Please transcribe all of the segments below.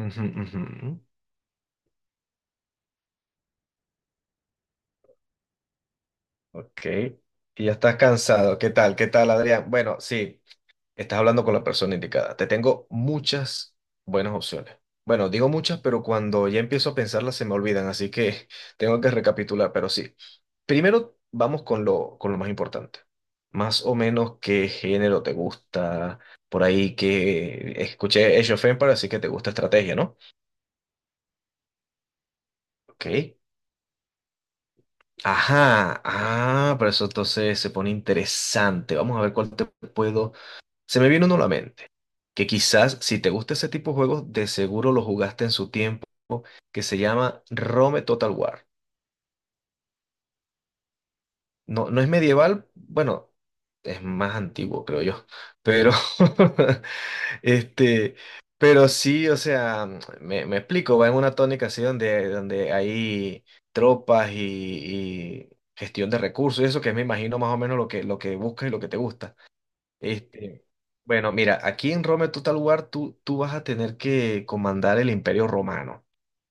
Ujú, ujú. Ok. Y ya estás cansado. ¿Qué tal? ¿Qué tal, Adrián? Bueno, sí, estás hablando con la persona indicada. Te tengo muchas buenas opciones. Bueno, digo muchas, pero cuando ya empiezo a pensarlas se me olvidan, así que tengo que recapitular, pero sí. Primero vamos con lo más importante. Más o menos, ¿qué género te gusta? Por ahí que escuché Age of Empires, así que te gusta estrategia, ¿no? Ok. Ajá. Ah, pero eso entonces se pone interesante. Vamos a ver cuál te puedo. Se me viene uno a la mente, que quizás si te gusta ese tipo de juegos, de seguro lo jugaste en su tiempo, que se llama Rome Total War. No, no es medieval, bueno, es más antiguo, creo yo, pero este, pero sí, o sea, me explico, va en una tónica así donde, donde hay tropas y gestión de recursos, y eso que me imagino más o menos lo que buscas y lo que te gusta. Este, bueno, mira, aquí en Roma, en Total War, tú vas a tener que comandar el Imperio Romano.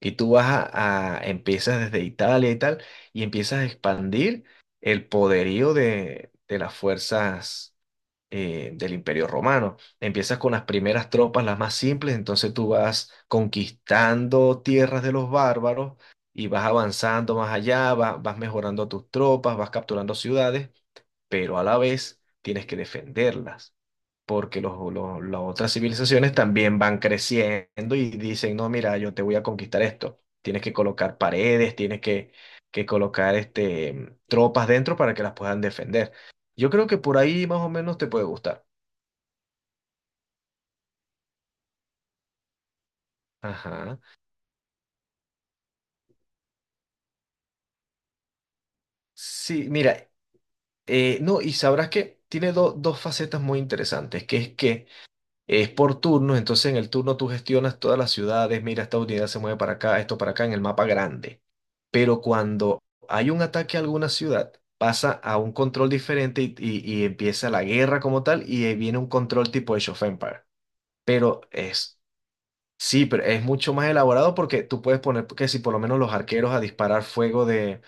Y tú vas empiezas desde Italia y tal, y empiezas a expandir el poderío de las fuerzas del Imperio Romano. Empiezas con las primeras tropas, las más simples, entonces tú vas conquistando tierras de los bárbaros y vas avanzando más allá, vas mejorando tus tropas, vas capturando ciudades, pero a la vez tienes que defenderlas porque las otras civilizaciones también van creciendo y dicen, no, mira, yo te voy a conquistar esto. Tienes que colocar paredes, tienes que colocar tropas dentro para que las puedan defender. Yo creo que por ahí más o menos te puede gustar. Ajá. Sí, mira, no, y sabrás que tiene dos facetas muy interesantes, que es que es por turnos, entonces en el turno tú gestionas todas las ciudades, mira, esta unidad se mueve para acá, esto para acá en el mapa grande. Pero cuando hay un ataque a alguna ciudad, pasa a un control diferente y empieza la guerra como tal y ahí viene un control tipo Age of Empires. Pero es, sí, pero es mucho más elaborado porque tú puedes poner que si por lo menos los arqueros a disparar fuego de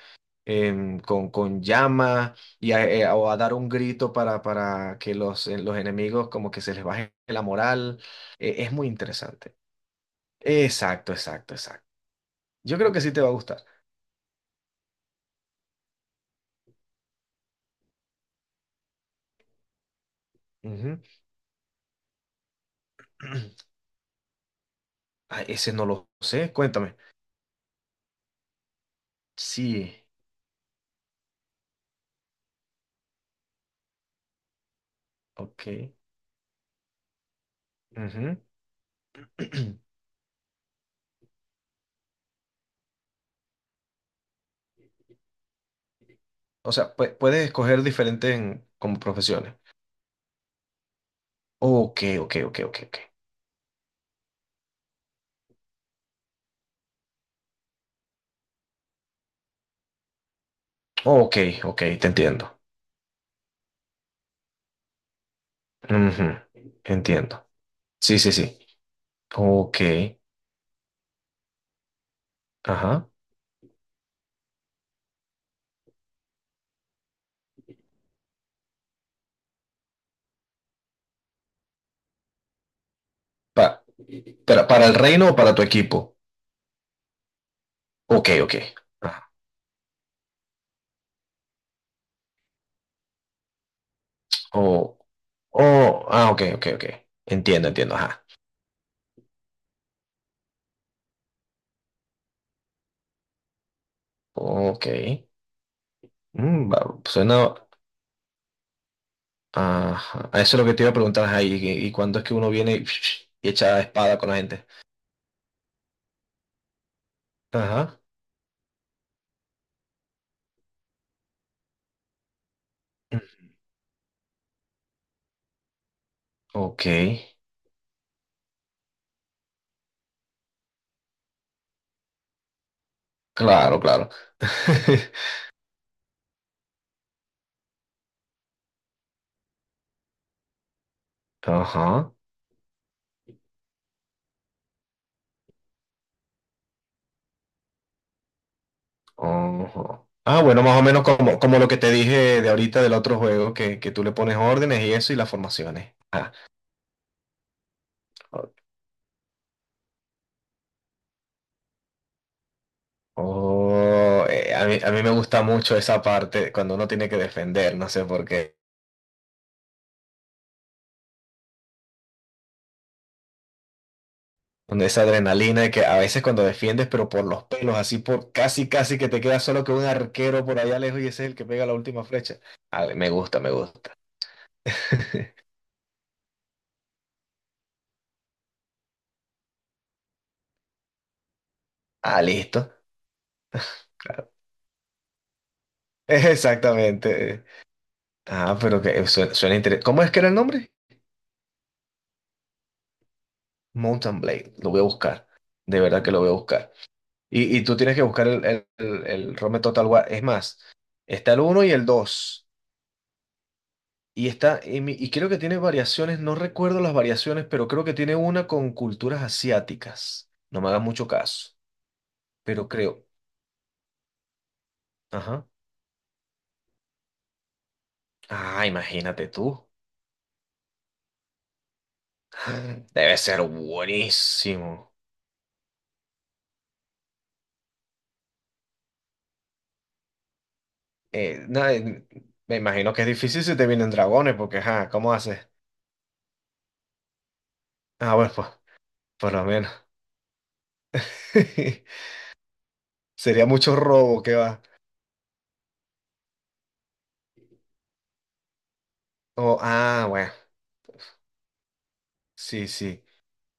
con llama y o a dar un grito para que los enemigos como que se les baje la moral. Es muy interesante. Exacto, exacto, exacto. Yo creo que sí te va a gustar. Ujú. Ah, ese no lo sé, cuéntame. Sí, ok. Ujú. O sea, puedes escoger diferentes como profesiones. Ok, ok, ok, ok, ok. Ok, ok, te entiendo. Ujú, entiendo. Sí, sí, sí. Ok, ajá. Pa- para el reino o para tu equipo. Ok, ok. Ajá. O, o, ah, ok, ok, ok. Entiendo, entiendo, ajá. Ok. Suena. Ajá. Eso es lo que te iba a preguntar, ajá. ¿Y cuándo es que uno viene y echa espada con la gente? Ajá. Ok. Claro, claro. Ajá. Ajá. Ah, bueno, más o menos como lo que te dije de ahorita del otro juego, que tú le pones órdenes y eso y las formaciones. Oh, a mí me gusta mucho esa parte cuando uno tiene que defender, no sé por qué. Donde esa adrenalina de que a veces cuando defiendes, pero por los pelos, así por casi, casi que te queda solo que un arquero por allá lejos y ese es el que pega la última flecha. Ah, me gusta, me gusta. Ah, listo. Claro. Exactamente. Ah, pero que suena, suena interesante. ¿Cómo es que era el nombre? Mountain Blade. Lo voy a buscar. De verdad que lo voy a buscar. Y tú tienes que buscar el ROM de Total War. Es más, está el uno y el dos. Y y creo que tiene variaciones, no recuerdo las variaciones, pero creo que tiene una con culturas asiáticas. No me hagas mucho caso, pero creo. Ajá. Ah, imagínate tú. Debe ser buenísimo. Nada, me imagino que es difícil si te vienen dragones, porque, ajá, ¿cómo haces? Ah, bueno, pues, por lo menos. Sería mucho robo que va. Oh, ah, bueno, sí, sí.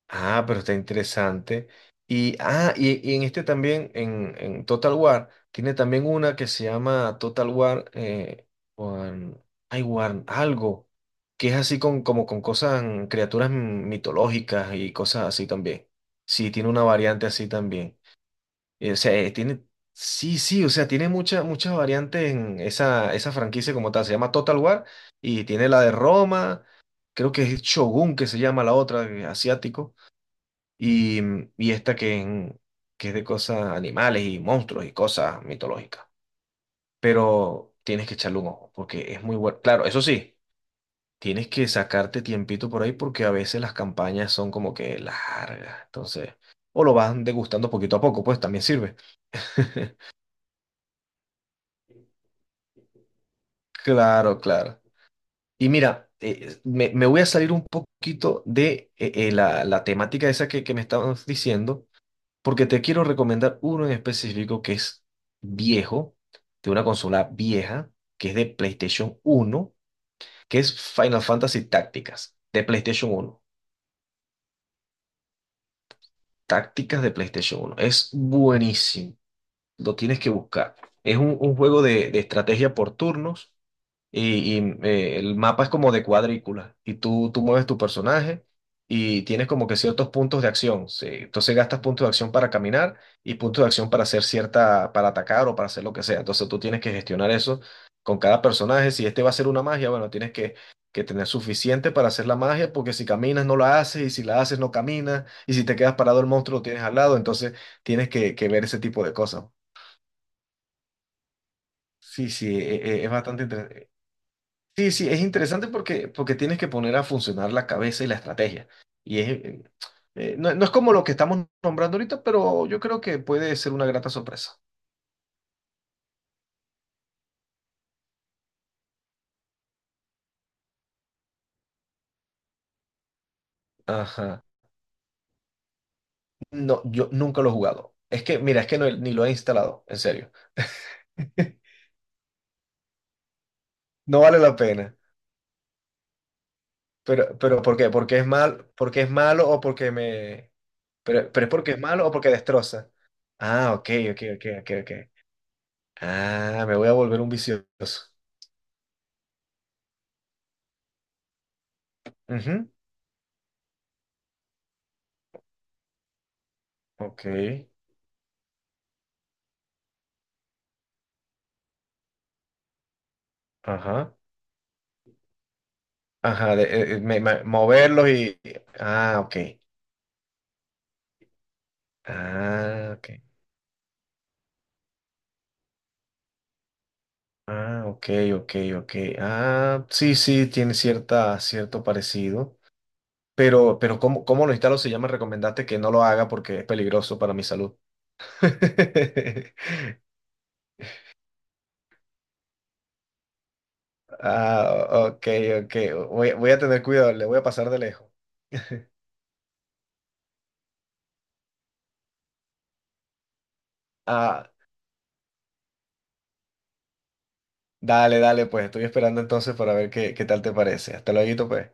Ah, pero está interesante. Y en este también, en Total War, tiene también una que se llama Total War, Wan- algo, que es así como con cosas, criaturas mitológicas y cosas así también. Sí, tiene una variante así también. O sea, sí, sí, o sea, tiene muchas muchas variantes en esa franquicia como tal. Se llama Total War y tiene la de Roma, creo que es Shogun, que se llama la otra, asiático y, y esta que es de cosas animales y monstruos y cosas mitológicas. Pero tienes que echarle un ojo porque es muy bueno. Claro, eso sí, tienes que sacarte tiempito por ahí porque a veces las campañas son como que largas. Entonces, o lo van degustando poquito a poco, pues también sirve. Claro, claro. Y mira, me voy a salir un poquito de la temática esa que me estabas diciendo porque te quiero recomendar uno en específico que es viejo, de una consola vieja, que es de PlayStation uno, que es Final Fantasy Tácticas, de PlayStation 1. Tácticas de PlayStation uno. Es buenísimo. Lo tienes que buscar. Es un juego de estrategia por turnos y el mapa es como de cuadrícula y tú mueves tu personaje y tienes como que ciertos puntos de acción. Sí. Entonces gastas puntos de acción para caminar y puntos de acción para hacer cierta, para atacar o para hacer lo que sea. Entonces tú tienes que gestionar eso con cada personaje. Si este va a ser una magia, bueno, tienes que tener suficiente para hacer la magia porque si caminas no la haces y si la haces no caminas y si te quedas parado el monstruo lo tienes al lado. Entonces tienes que ver ese tipo de cosas. Sí, sí, es bastante interesante. Sí, sí, es interesante porque tienes que poner a funcionar la cabeza y la estrategia. Y es, eh, no, es como lo que estamos nombrando ahorita, pero yo creo que puede ser una grata sorpresa. Ajá. No, yo nunca lo he jugado. Es que, mira, es que ni lo he instalado, en serio. No vale la pena. Pero, ¿por qué? ¿Porque es malo o porque me? Pero, ¿es porque es malo o porque destroza? Ah, ok, ok, ok, ok, ok. Ah, me voy a volver un vicioso. Ujú, ok. Ajá. Ajá, moverlos y. Ah, ok. Ah, ok. Ah, ok, ok, ok. Ah, sí, sí, tiene cierta, cierto parecido. Pero, ¿cómo lo instalo si ya me recomendaste que no lo haga porque es peligroso para mi salud? Ah, ok, ok. Voy a tener cuidado, le voy a pasar de lejos. Ah, dale, dale, pues estoy esperando entonces para ver qué tal te parece. Hasta luego, pues.